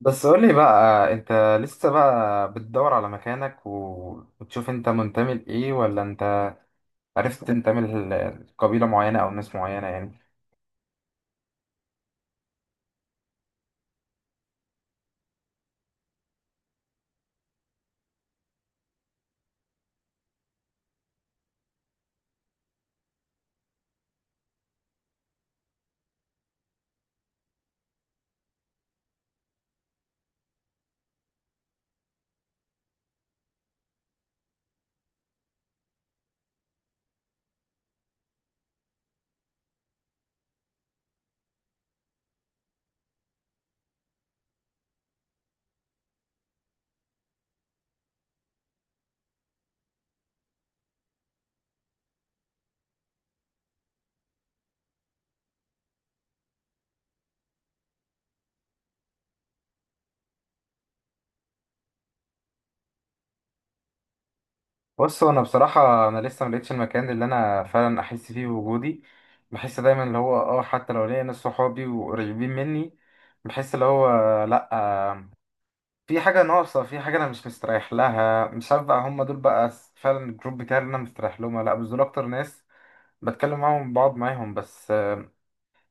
بس قولي بقى انت لسه بقى بتدور على مكانك و- وتشوف انت منتمي لايه ولا انت عرفت تنتمي ل- لقبيلة معينة او ناس معينة يعني. بص، هو انا بصراحة انا لسه ملقتش المكان اللي انا فعلا احس فيه بوجودي. بحس دايما اللي هو اه، حتى لو ليا ناس صحابي وقريبين مني، بحس اللي هو لا في حاجة ناقصة، في حاجة انا مش مستريح لها. مش عارف بقى هم دول بقى فعلا الجروب بتاعي اللي انا مستريح لهم ولا لا، بس دول اكتر ناس بتكلم معاهم بقعد معاهم. بس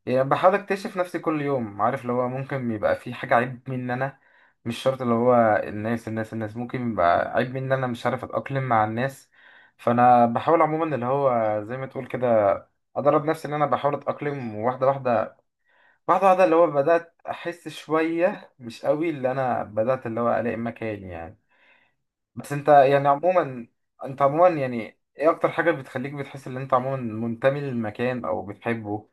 يعني بحاول اكتشف نفسي كل يوم، عارف اللي هو ممكن يبقى في حاجة عيب مني انا، مش شرط اللي هو الناس. الناس ممكن يبقى عيب مني انا مش عارف اتأقلم مع الناس. فانا بحاول عموما اللي هو زي ما تقول كده ادرب نفسي ان انا بحاول اتأقلم واحدة واحدة، واحدة واحدة اللي هو بدأت احس شوية مش قوي اللي انا بدأت اللي هو الاقي مكاني يعني. بس انت يعني عموما، انت عموما يعني ايه اكتر حاجة بتخليك بتحس ان انت عموما منتمي للمكان او بتحبه؟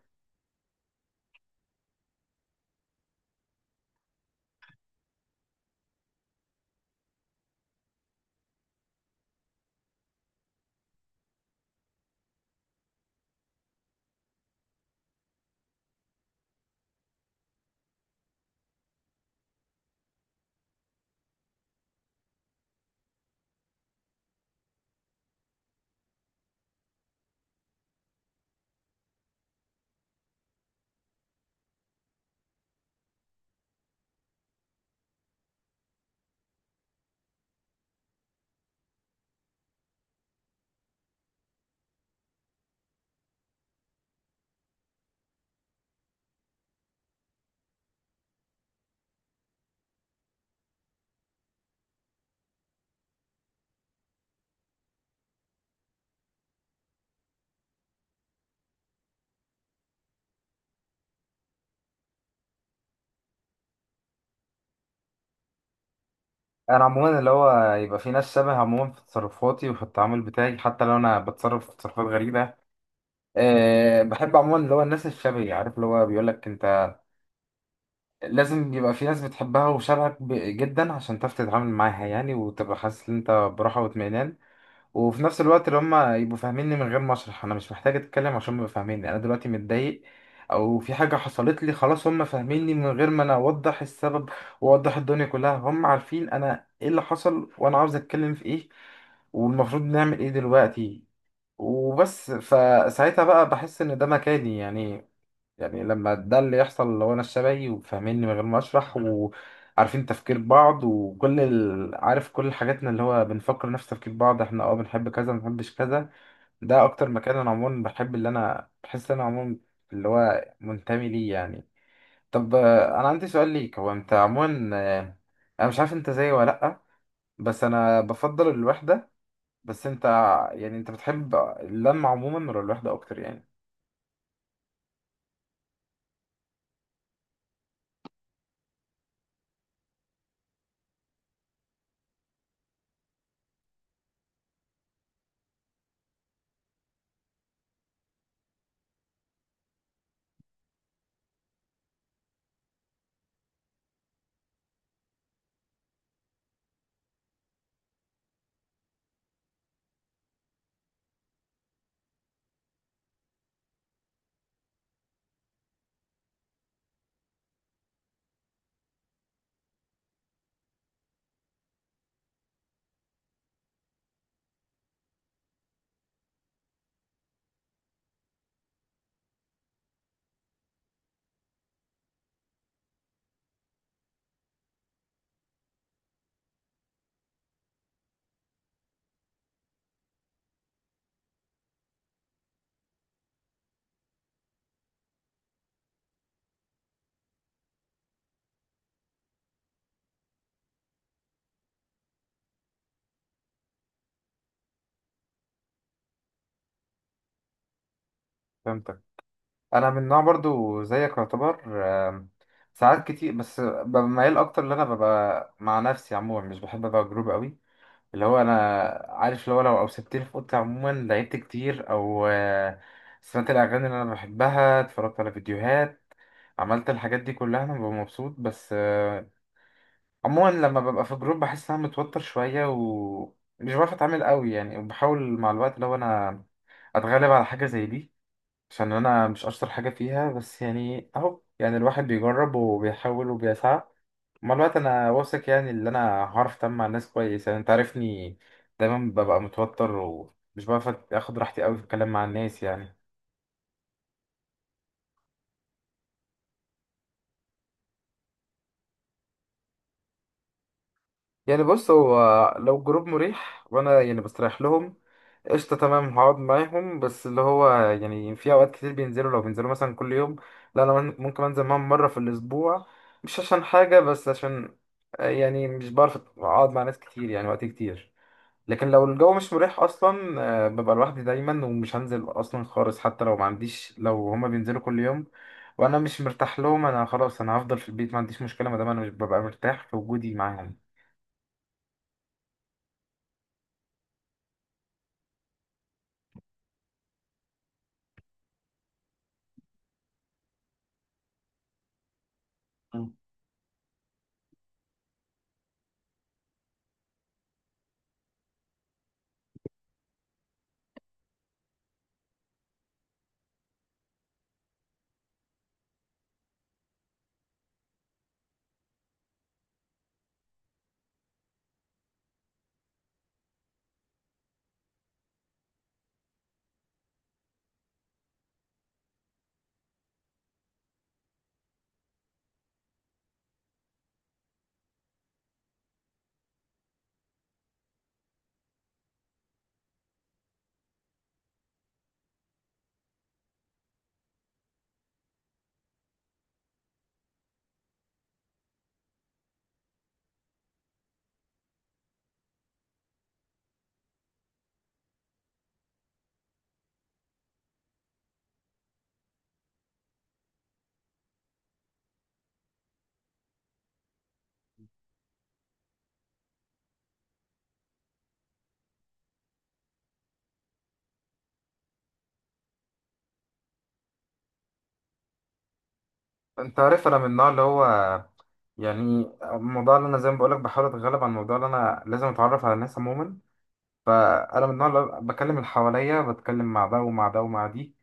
انا عموما اللي هو يبقى في ناس شبه عموما في تصرفاتي وفي التعامل بتاعي حتى لو انا بتصرف تصرفات غريبه. أه بحب عموما اللي هو الناس الشبهي، عارف اللي هو بيقول لك انت لازم يبقى في ناس بتحبها وشبهك جدا عشان تعرف تتعامل معاها يعني وتبقى حاسس ان انت براحه واطمئنان. وفي نفس الوقت اللي هما يبقوا فاهميني من غير ما اشرح، انا مش محتاج اتكلم عشان يبقوا فاهميني انا دلوقتي متضايق او في حاجه حصلت لي، خلاص هما فاهميني من غير ما انا اوضح السبب واوضح الدنيا كلها. هم عارفين انا ايه اللي حصل وانا عاوز اتكلم في ايه والمفروض نعمل ايه دلوقتي وبس. فساعتها بقى بحس ان ده مكاني يعني. يعني لما ده اللي يحصل، لو انا الشبهي وفاهميني من غير ما اشرح وعارفين تفكير بعض وكل ال... عارف كل حاجاتنا، اللي هو بنفكر نفس تفكير بعض، احنا اه بنحب كذا، ما بنحبش كذا. ده اكتر مكان انا عموما بحب اللي انا بحس ان انا عموما اللي هو منتمي ليه يعني. طب انا عندي سؤال ليك. هو انت عموما، آه، انا مش عارف انت زيي ولا لا، بس انا بفضل الوحدة. بس انت يعني، انت بتحب اللمة عموما ولا الوحدة اكتر يعني؟ فهمتك. انا من نوع برضو زيك يعتبر. آم، ساعات كتير بس ببقى ميال اكتر ان انا ببقى مع نفسي. عموما مش بحب ابقى جروب قوي. اللي هو انا عارف اللي هو لو اوسبتني في اوضتي عموما لعبت كتير او سمعت الاغاني اللي انا بحبها، اتفرجت على فيديوهات، عملت الحاجات دي كلها، انا ببقى مبسوط. بس عموما لما ببقى في جروب بحس ان انا متوتر شويه ومش بعرف اتعامل قوي يعني. وبحاول مع الوقت لو انا اتغلب على حاجه زي دي عشان انا مش اشطر حاجه فيها. بس يعني اهو، يعني الواحد بيجرب وبيحاول وبيسعى. مع الوقت انا واثق يعني ان انا هعرف اتعامل مع الناس كويس يعني. انت عارفني دايما ببقى متوتر ومش بعرف اخد راحتي قوي في الكلام مع الناس يعني. يعني بص، هو لو جروب مريح وانا يعني بستريح لهم، قشطة تمام هقعد معاهم. بس اللي هو يعني في أوقات كتير بينزلوا، لو بينزلوا مثلا كل يوم، لا أنا ممكن أنزل معاهم مرة في الأسبوع. مش عشان حاجة، بس عشان يعني مش بعرف أقعد مع ناس كتير يعني وقت كتير. لكن لو الجو مش مريح أصلا ببقى لوحدي دايما ومش هنزل أصلا خالص. حتى لو ما عنديش، لو هما بينزلوا كل يوم وأنا مش مرتاح لهم، أنا خلاص أنا هفضل في البيت، ما عنديش مشكلة ما دام أنا مش ببقى مرتاح في وجودي معاهم. أنت عارف أنا من النوع اللي هو يعني، الموضوع اللي انا زي ما بقولك بحاول اتغلب على الموضوع اللي انا لازم اتعرف على الناس عموما، فانا من النوع اللي بكلم اللي حواليا، بتكلم مع ده ومع ده ومع دي.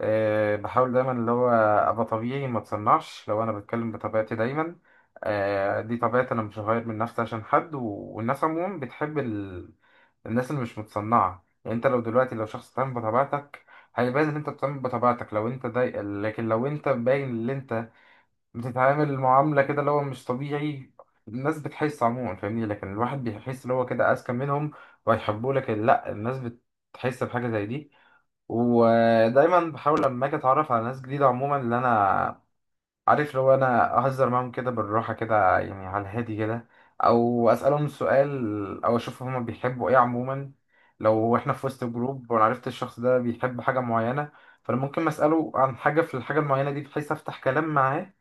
أه بحاول دايما اللي هو ابقى طبيعي، ما اتصنعش. لو انا بتكلم بطبيعتي دايما، أه دي طبيعتي، انا مش هغير من نفسي عشان حد. و... والناس عموما بتحب ال... الناس اللي مش متصنعه. يعني انت لو دلوقتي لو شخص بتعمل بطبيعتك هيبان ان انت بتعمل بطبيعتك، لو انت ضايق. لكن لو انت باين اللي انت بتتعامل معاملة كده اللي هو مش طبيعي، الناس بتحس عموما، فاهمني. لكن الواحد بيحس اللي هو كده أذكى منهم وهيحبوه، لكن لأ، الناس بتحس بحاجة زي دي. ودايما بحاول لما أجي أتعرف على ناس جديدة عموما، اللي أنا عارف اللي هو أنا أهزر معاهم كده بالراحة كده يعني، على الهادي كده، أو أسألهم سؤال، أو أشوف هما بيحبوا إيه عموما. لو إحنا في وسط جروب وأنا عرفت الشخص ده بيحب حاجة معينة، فأنا ممكن أسأله عن حاجة في الحاجة المعينة دي بحيث أفتح كلام معاه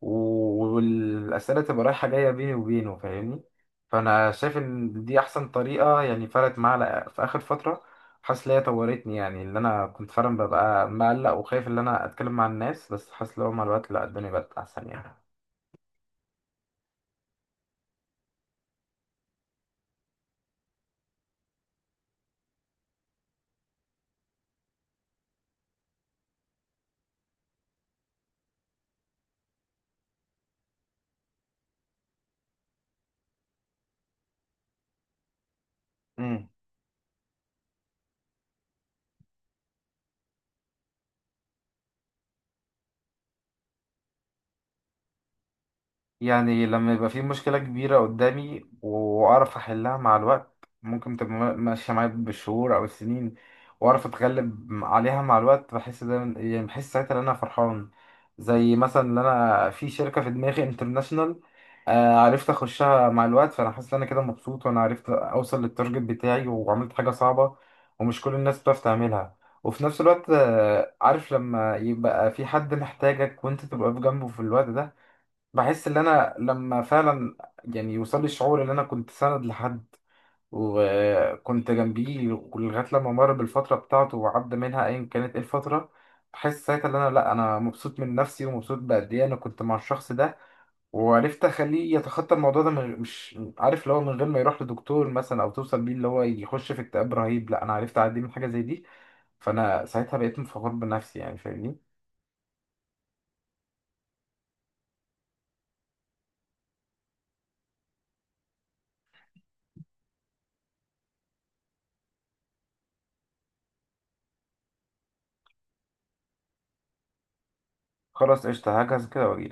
و- والأسئلة تبقى رايحة جاية بيني وبينه، فاهمني. فأنا شايف إن دي أحسن طريقة يعني. فرقت معايا في آخر فترة، حاسس إن هي طورتني يعني. اللي أنا كنت فعلا ببقى مقلق وخايف إن أنا أتكلم مع الناس، بس حاسس لو مع الوقت لأ، الدنيا بقت أحسن يعني. يعني لما يبقى في مشكلة كبيرة قدامي وأعرف أحلها مع الوقت، ممكن تبقى ماشية معايا بالشهور أو السنين وأعرف أتغلب عليها مع الوقت، بحس ده يعني، بحس ساعتها إن أنا فرحان. زي مثلا إن أنا في شركة في دماغي انترناشونال عرفت أخشها مع الوقت، فأنا حاسس إن أنا كده مبسوط وأنا عرفت أوصل للتارجت بتاعي وعملت حاجة صعبة ومش كل الناس بتعرف تعملها. وفي نفس الوقت عارف لما يبقى في حد محتاجك وأنت تبقى في جنبه في الوقت ده، بحس ان انا لما فعلا يعني يوصل لي الشعور ان انا كنت سند لحد وكنت جنبيه لغايه لما مر بالفتره بتاعته وعدى منها ايا كانت ايه الفتره، بحس ساعتها ان انا لا، انا مبسوط من نفسي ومبسوط بقد ايه انا كنت مع الشخص ده وعرفت اخليه يتخطى الموضوع ده من مش عارف اللي هو من غير ما يروح لدكتور مثلا او توصل بيه اللي هو يخش في اكتئاب رهيب. لا انا عرفت اعدي من حاجه زي دي، فانا ساعتها بقيت مفخور بنفسي يعني، فاهمني. خلاص قشطه، هجهز كده واجي.